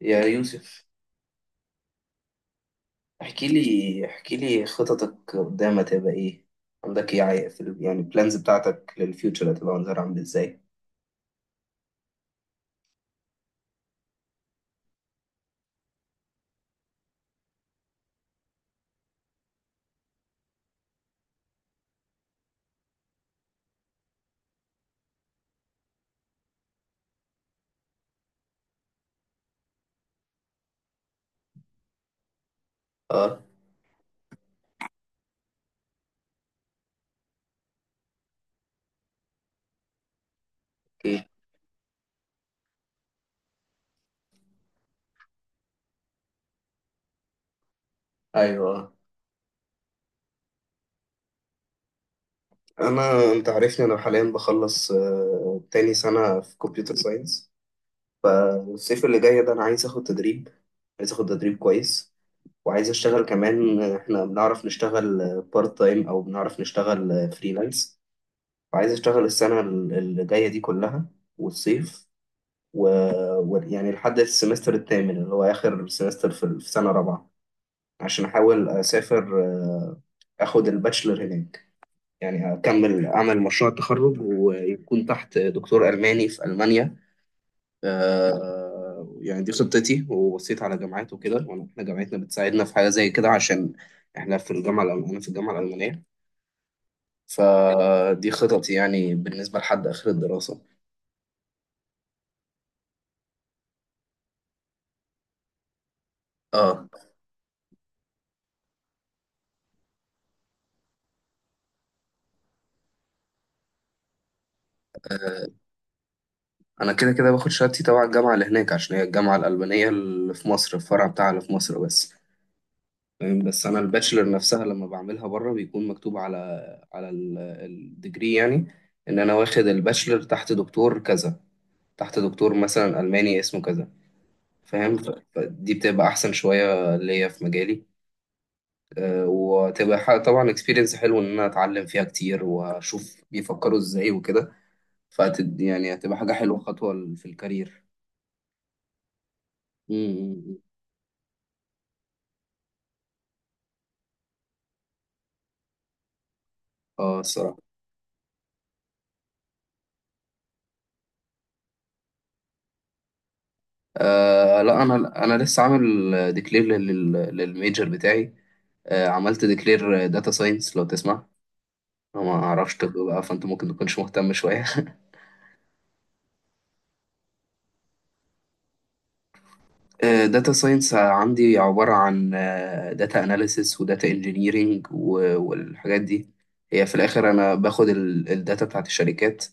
يا يوسف. احكي لي خططك قدام، هتبقى ايه؟ عندك ايه، يعني البلانز بتاعتك للفيوتشر، هتبقى منظر عامل ازاي؟ اه، اوكي، ايوه. انت عارفني، انا حاليا بخلص تاني سنة في كمبيوتر ساينس. فالصيف اللي جاي ده انا عايز اخد تدريب، عايز اخد تدريب كويس، وعايز اشتغل كمان. احنا بنعرف نشتغل بارت تايم او بنعرف نشتغل فريلانس، وعايز اشتغل السنة اللي جاية دي كلها، والصيف، و... يعني لحد السمستر الثامن اللي هو آخر سمستر في سنة رابعة، عشان أحاول أسافر، أخد الباتشلر هناك، يعني أكمل أعمل مشروع التخرج ويكون تحت دكتور ألماني في ألمانيا. يعني دي خطتي، وبصيت على جامعات وكده. إحنا جامعتنا بتساعدنا في حاجة زي كده، عشان إحنا في الجامعة الألمانية، أنا في الجامعة الألمانية. فدي خططي يعني بالنسبة لحد آخر الدراسة. اه. آه، انا كده كده باخد شهادتي تبع الجامعه اللي هناك، عشان هي الجامعه الالبانيه اللي في مصر، الفرع بتاعها اللي في مصر بس. فاهم؟ بس انا الباتشلر نفسها لما بعملها بره بيكون مكتوب على الديجري يعني، ان انا واخد الباتشلر تحت دكتور كذا، تحت دكتور مثلا الماني اسمه كذا. فاهم؟ فدي بتبقى احسن شويه ليا في مجالي. وتبقى طبعا اكسبيرينس حلو، ان انا اتعلم فيها كتير واشوف بيفكروا ازاي وكده. يعني هتبقى حاجه حلوه، خطوه في الكارير. امم اه، الصراحه. لا، انا لسه عامل ديكلير للميجر بتاعي. عملت ديكلير داتا ساينس، لو تسمع. أنا ما اعرفش طب بقى، فانت ممكن تكونش مهتم شويه. داتا ساينس عندي عبارة عن داتا اناليسيس وداتا انجينيرينج والحاجات دي. هي في الآخر أنا باخد الداتا بتاعت الشركات،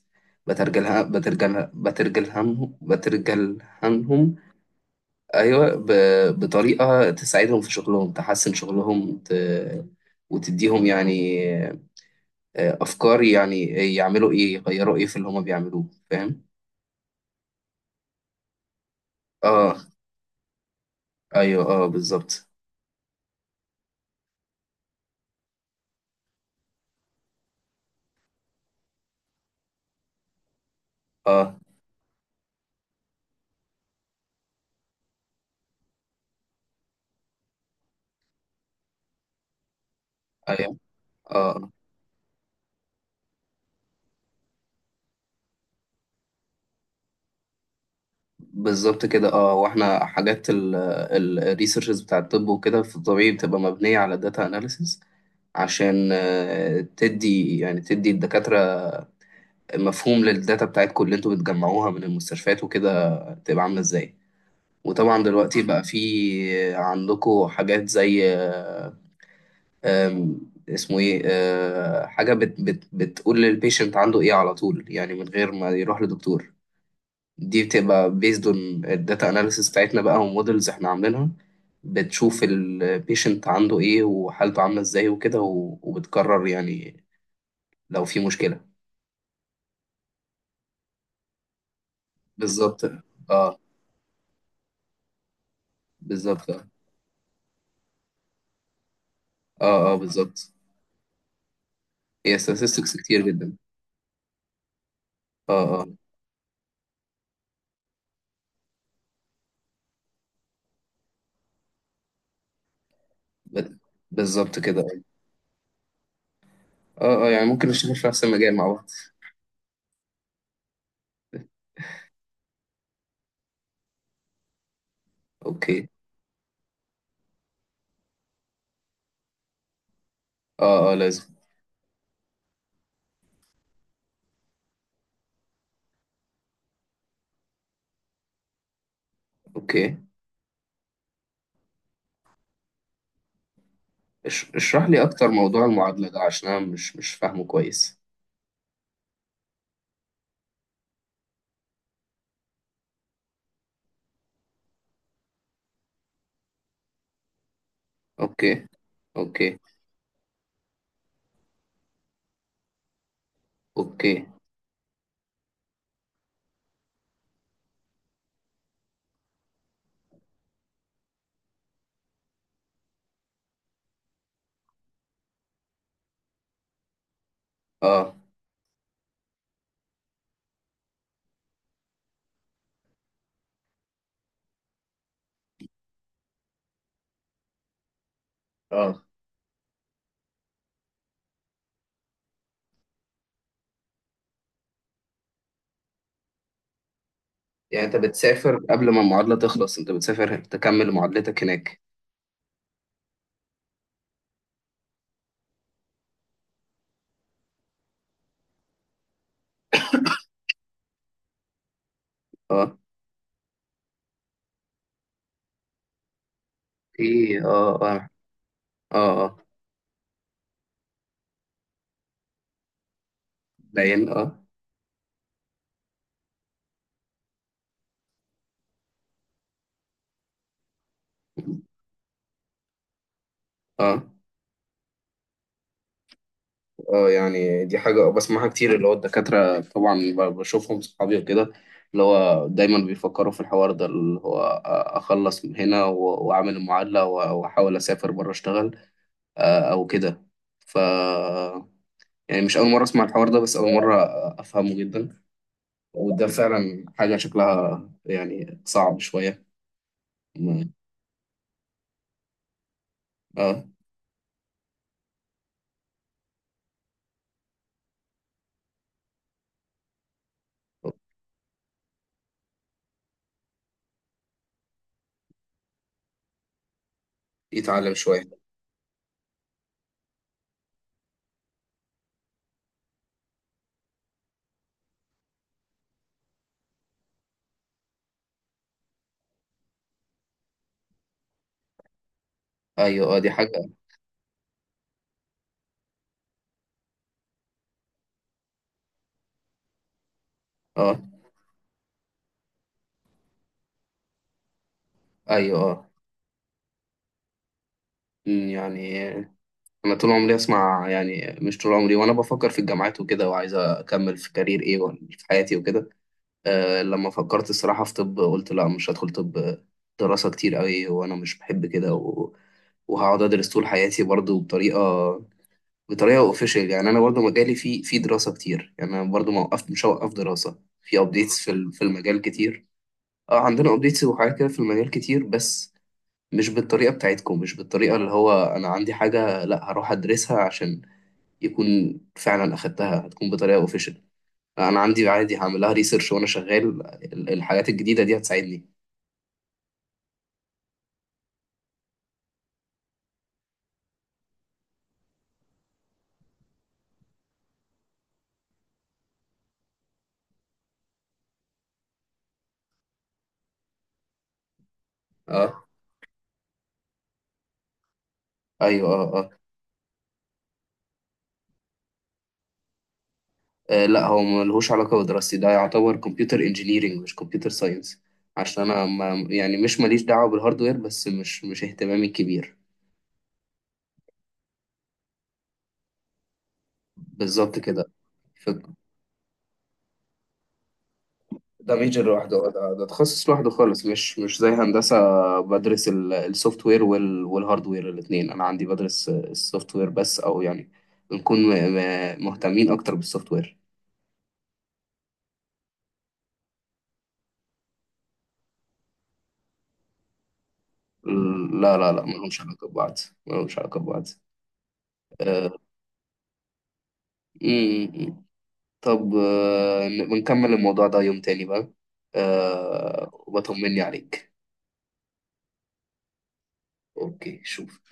بترجلها بترجلهم بترجلهنهم، ايوه، بطريقه تساعدهم في شغلهم، تحسن شغلهم، وتديهم يعني افكار، يعني يعملوا ايه، يغيروا ايه في اللي هما بيعملوه. فاهم؟ اه، ايوه، اه، بالظبط. اه، ايوه، اه، بالظبط كده. اه، واحنا حاجات الريسيرشز بتاع الطب وكده في الطبيعي بتبقى مبنيه على داتا اناليسيس، عشان تدي يعني تدي الدكاتره مفهوم للداتا بتاعتكم اللي انتوا بتجمعوها من المستشفيات وكده، تبقى عامله ازاي. وطبعا دلوقتي بقى في عندكم حاجات زي، آه، آم، اسمه ايه، حاجة بت بتقول للبيشنت عنده ايه على طول، يعني من غير ما يروح لدكتور. دي بتبقى based on الداتا analysis بتاعتنا بقى، ومودلز احنا عاملينها، بتشوف البيشنت عنده ايه وحالته عاملة ازاي وكده، وبتقرر يعني لو في مشكلة. بالظبط، اه، بالظبط، اه، اه، بالظبط. هي statistics كتير جدا. اه، اه، ب- بالظبط كده. اه، اه، يعني ممكن نشتغل في نفس المجال مع بعض. اوكي، اه، اه، لازم. اوكي، اشرح لي اكتر موضوع المعادلة ده، عشان انا مش فاهمه كويس. اوكي، اوكي، اوكي، اه، اه. يعني انت بتسافر قبل ما المعادلة تخلص؟ انت بتسافر تكمل معادلتك هناك؟ اه، ايه، اه، اه، اه، اه. باين، اه، اه، اه. يعني دي حاجة بسمعها كتير، اللي هو الدكاترة طبعا، بشوفهم صحابي وكده، اللي هو دايما بيفكروا في الحوار ده، اللي هو أخلص من هنا وأعمل المعادلة وأحاول أسافر بره أشتغل، أو كده. ف يعني مش أول مرة أسمع الحوار ده، بس أول مرة أفهمه جدا. وده فعلا حاجة شكلها يعني صعب شوية. م- اه. يتعلم شوية. أيوه، اه، دي حاجة. اه، أيوه، اه. يعني انا طول عمري اسمع، يعني مش طول عمري، وانا بفكر في الجامعات وكده، وعايز اكمل في كارير ايه، ولا في حياتي وكده. لما فكرت الصراحه في طب، قلت لا، مش هدخل طب، دراسه كتير قوي، وانا مش بحب كده، وهقعد ادرس طول حياتي برضو بطريقه، اوفيشال. يعني انا برضو مجالي في دراسه كتير، يعني انا برضو ما وقفت، مش هوقف دراسه في ابديتس في في المجال كتير. اه، عندنا ابديتس وحاجات كده في المجال كتير، بس مش بالطريقه بتاعتكم، مش بالطريقه اللي هو انا عندي حاجه لا هروح ادرسها عشان يكون فعلا اخدتها، هتكون بطريقه اوفيشال. انا عندي عادي هعملها ريسيرش وانا شغال. الحاجات الجديده دي هتساعدني. اه، ايوه، اه، اه. لا، هو ملهوش علاقه بدراستي، ده يعتبر كمبيوتر انجينيرنج مش كمبيوتر ساينس. عشان انا ما يعني، مش ماليش دعوه بالهاردوير، بس مش اهتمامي الكبير. بالظبط كده. ده ميجر لوحده، ده تخصص لوحده خالص، مش زي هندسة. بدرس السوفت وير والهارد وير الاثنين. أنا عندي بدرس السوفت وير بس، أو يعني بنكون مهتمين أكتر بالسوفت وير. لا، لا، لا، ملهمش علاقة ببعض، ملهمش علاقة ببعض. آه، م- م. طب، بنكمل الموضوع ده يوم تاني بقى. وبطمني عليك. أوكي، شوف.